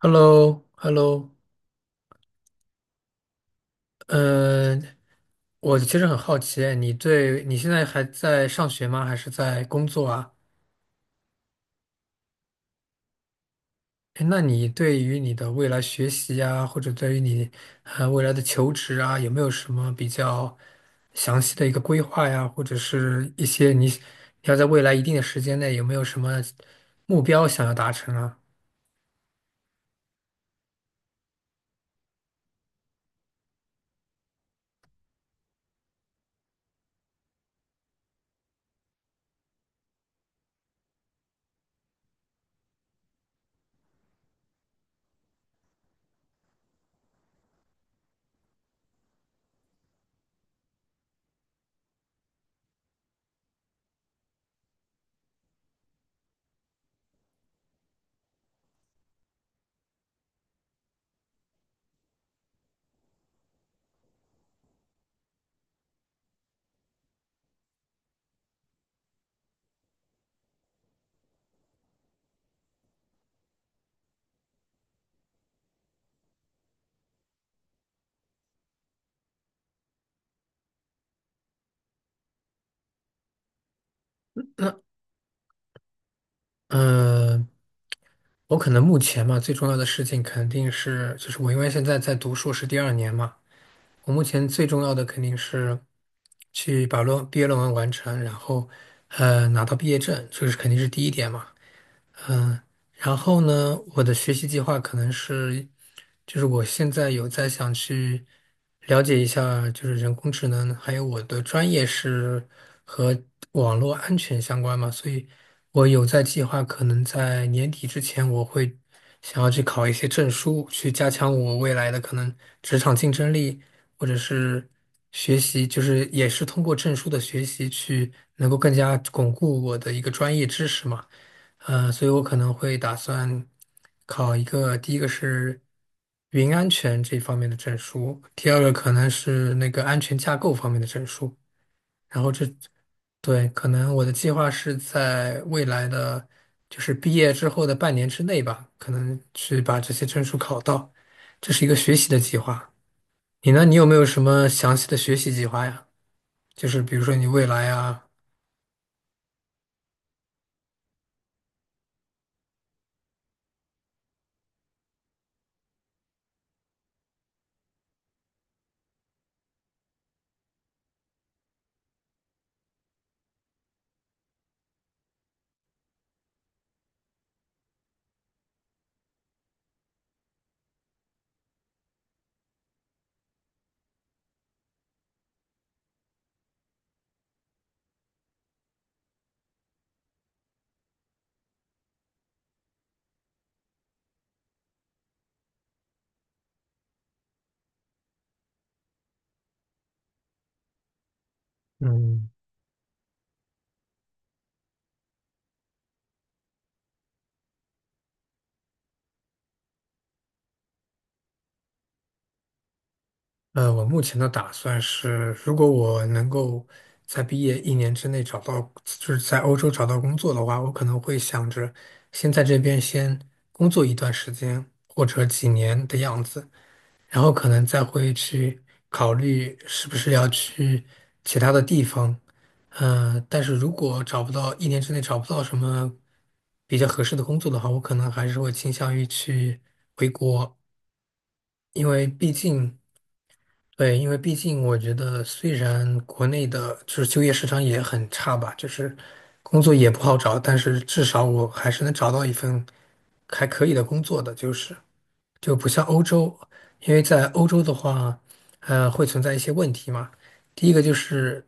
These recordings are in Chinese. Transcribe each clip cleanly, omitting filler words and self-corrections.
h e l l o h e l l o 嗯，我其实很好奇，你现在还在上学吗？还是在工作啊？诶那你对于你的未来学习啊，或者对于你未来的求职啊，有没有什么比较详细的一个规划呀？或者是一些你要在未来一定的时间内有没有什么目标想要达成啊？嗯，我可能目前嘛，最重要的事情肯定是，就是我因为现在在读硕士第二年嘛。我目前最重要的肯定是去把毕业论文完成，然后拿到毕业证，这个是肯定是第一点嘛。然后呢，我的学习计划可能是，就是我现在有在想去了解一下，就是人工智能，还有我的专业是和网络安全相关嘛，所以我有在计划，可能在年底之前，我会想要去考一些证书，去加强我未来的可能职场竞争力，或者是学习，就是也是通过证书的学习去能够更加巩固我的一个专业知识嘛。所以我可能会打算考一个，第一个是云安全这方面的证书，第二个可能是那个安全架构方面的证书。然后对，可能我的计划是在未来的，就是毕业之后的半年之内吧，可能去把这些证书考到。这是一个学习的计划。你呢？你有没有什么详细的学习计划呀？就是比如说你未来啊，嗯。我目前的打算是，如果我能够在毕业一年之内找到，就是在欧洲找到工作的话，我可能会想着先在这边先工作一段时间，或者几年的样子，然后可能再会去考虑是不是要去其他的地方。但是如果找不到，一年之内找不到什么比较合适的工作的话，我可能还是会倾向于去回国，因为毕竟。对，因为毕竟我觉得，虽然国内的就是就业市场也很差吧，就是工作也不好找，但是至少我还是能找到一份还可以的工作的，就是就不像欧洲，因为在欧洲的话，会存在一些问题嘛。第一个就是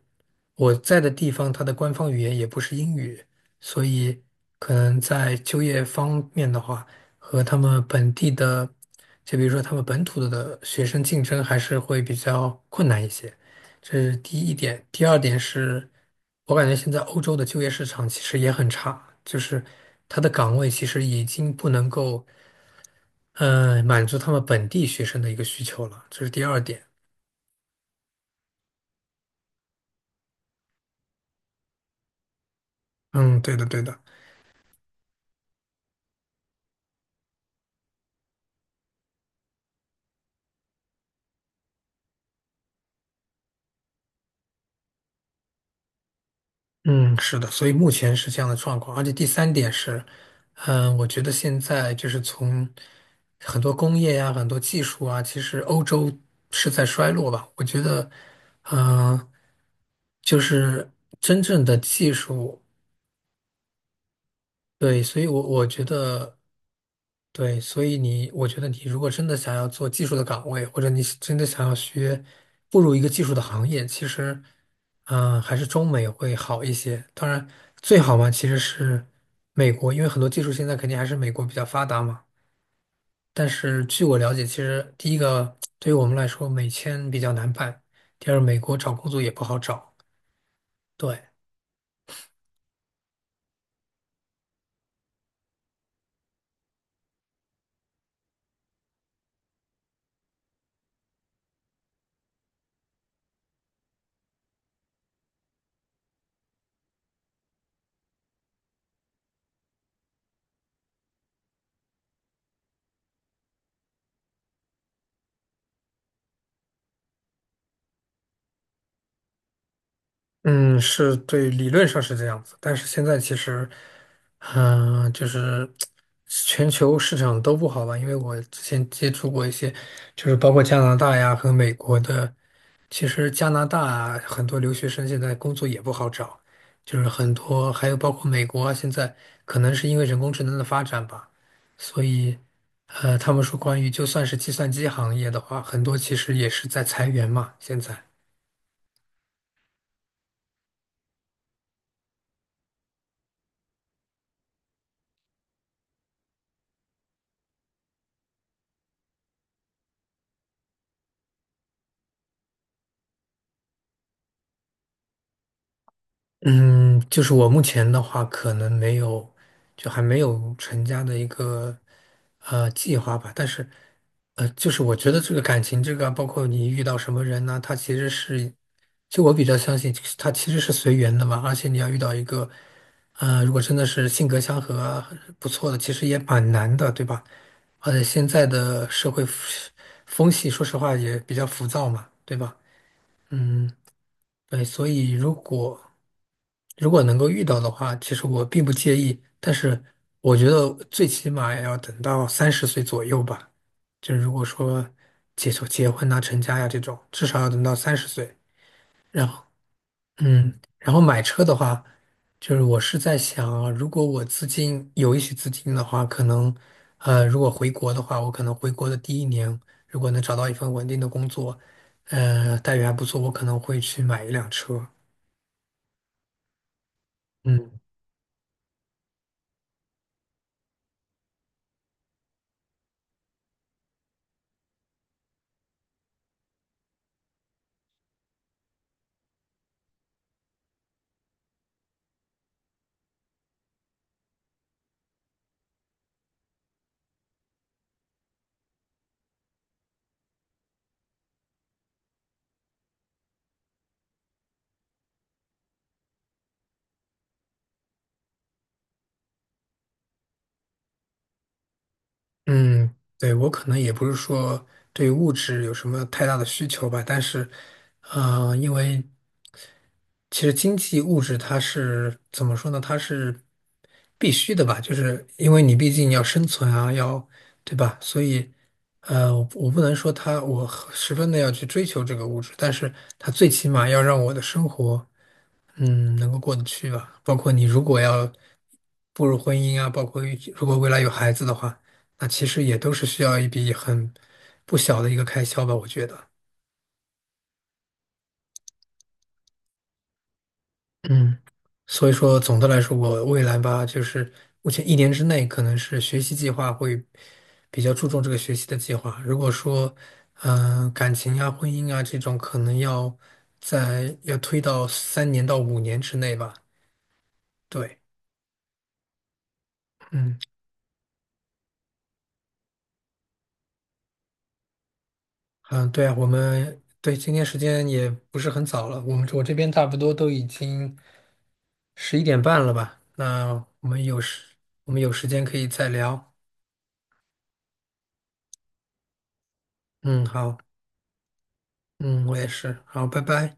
我在的地方，它的官方语言也不是英语，所以可能在就业方面的话。和他们本地的，就比如说他们本土的学生竞争还是会比较困难一些，这是第一点。第二点是，我感觉现在欧洲的就业市场其实也很差，就是他的岗位其实已经不能够，满足他们本地学生的一个需求了，这是第二点。嗯，对的，对的。嗯，是的，所以目前是这样的状况，而且第三点是，嗯，我觉得现在就是从很多工业呀、很多技术啊，其实欧洲是在衰落吧。我觉得，嗯、就是真正的技术，对，所以我觉得。对，所以你，我觉得你如果真的想要做技术的岗位，或者你是真的想要学步入一个技术的行业，其实，嗯、还是中美会好一些。当然，最好嘛，其实是美国，因为很多技术现在肯定还是美国比较发达嘛。但是据我了解，其实第一个对于我们来说，美签比较难办，第二，美国找工作也不好找。对。嗯，是对，理论上是这样子，但是现在其实，嗯、就是全球市场都不好吧？因为我之前接触过一些，就是包括加拿大呀和美国的，其实加拿大啊很多留学生现在工作也不好找，就是很多，还有包括美国啊，现在可能是因为人工智能的发展吧，所以，他们说关于就算是计算机行业的话，很多其实也是在裁员嘛，现在。嗯，就是我目前的话，可能没有，就还没有成家的一个计划吧。但是，就是我觉得这个感情，这个啊包括你遇到什么人呢、他其实是，就我比较相信，他其实是随缘的嘛。而且你要遇到一个，如果真的是性格相合啊不错的，其实也蛮难的，对吧？而且现在的社会风气，说实话也比较浮躁嘛，对吧？嗯，对，所以如果能够遇到的话，其实我并不介意，但是我觉得最起码也要等到三十岁左右吧。就如果说就结婚呐、成家呀、这种，至少要等到三十岁。然后，嗯，然后买车的话，就是我是在想啊，如果我资金有一些资金的话，可能，如果回国的话，我可能回国的第一年，如果能找到一份稳定的工作，待遇还不错，我可能会去买一辆车。嗯。嗯，对，我可能也不是说对物质有什么太大的需求吧，但是，因为其实经济物质它是怎么说呢？它是必须的吧，就是因为你毕竟要生存啊，要，对吧？所以，我不能说它，我十分的要去追求这个物质，但是它最起码要让我的生活。嗯，能够过得去吧。包括你如果要步入婚姻啊，包括如果未来有孩子的话，那其实也都是需要一笔很不小的一个开销吧，我觉得。嗯，所以说总的来说，我未来吧，就是目前一年之内，可能是学习计划会比较注重这个学习的计划。如果说，嗯、感情啊、婚姻啊这种，可能要在要推到3年到5年之内吧。对，嗯。嗯，对啊，我们对今天时间也不是很早了，我们我这边差不多都已经11:30了吧？那我们有时间可以再聊。嗯，好，嗯，我也是，好，拜拜。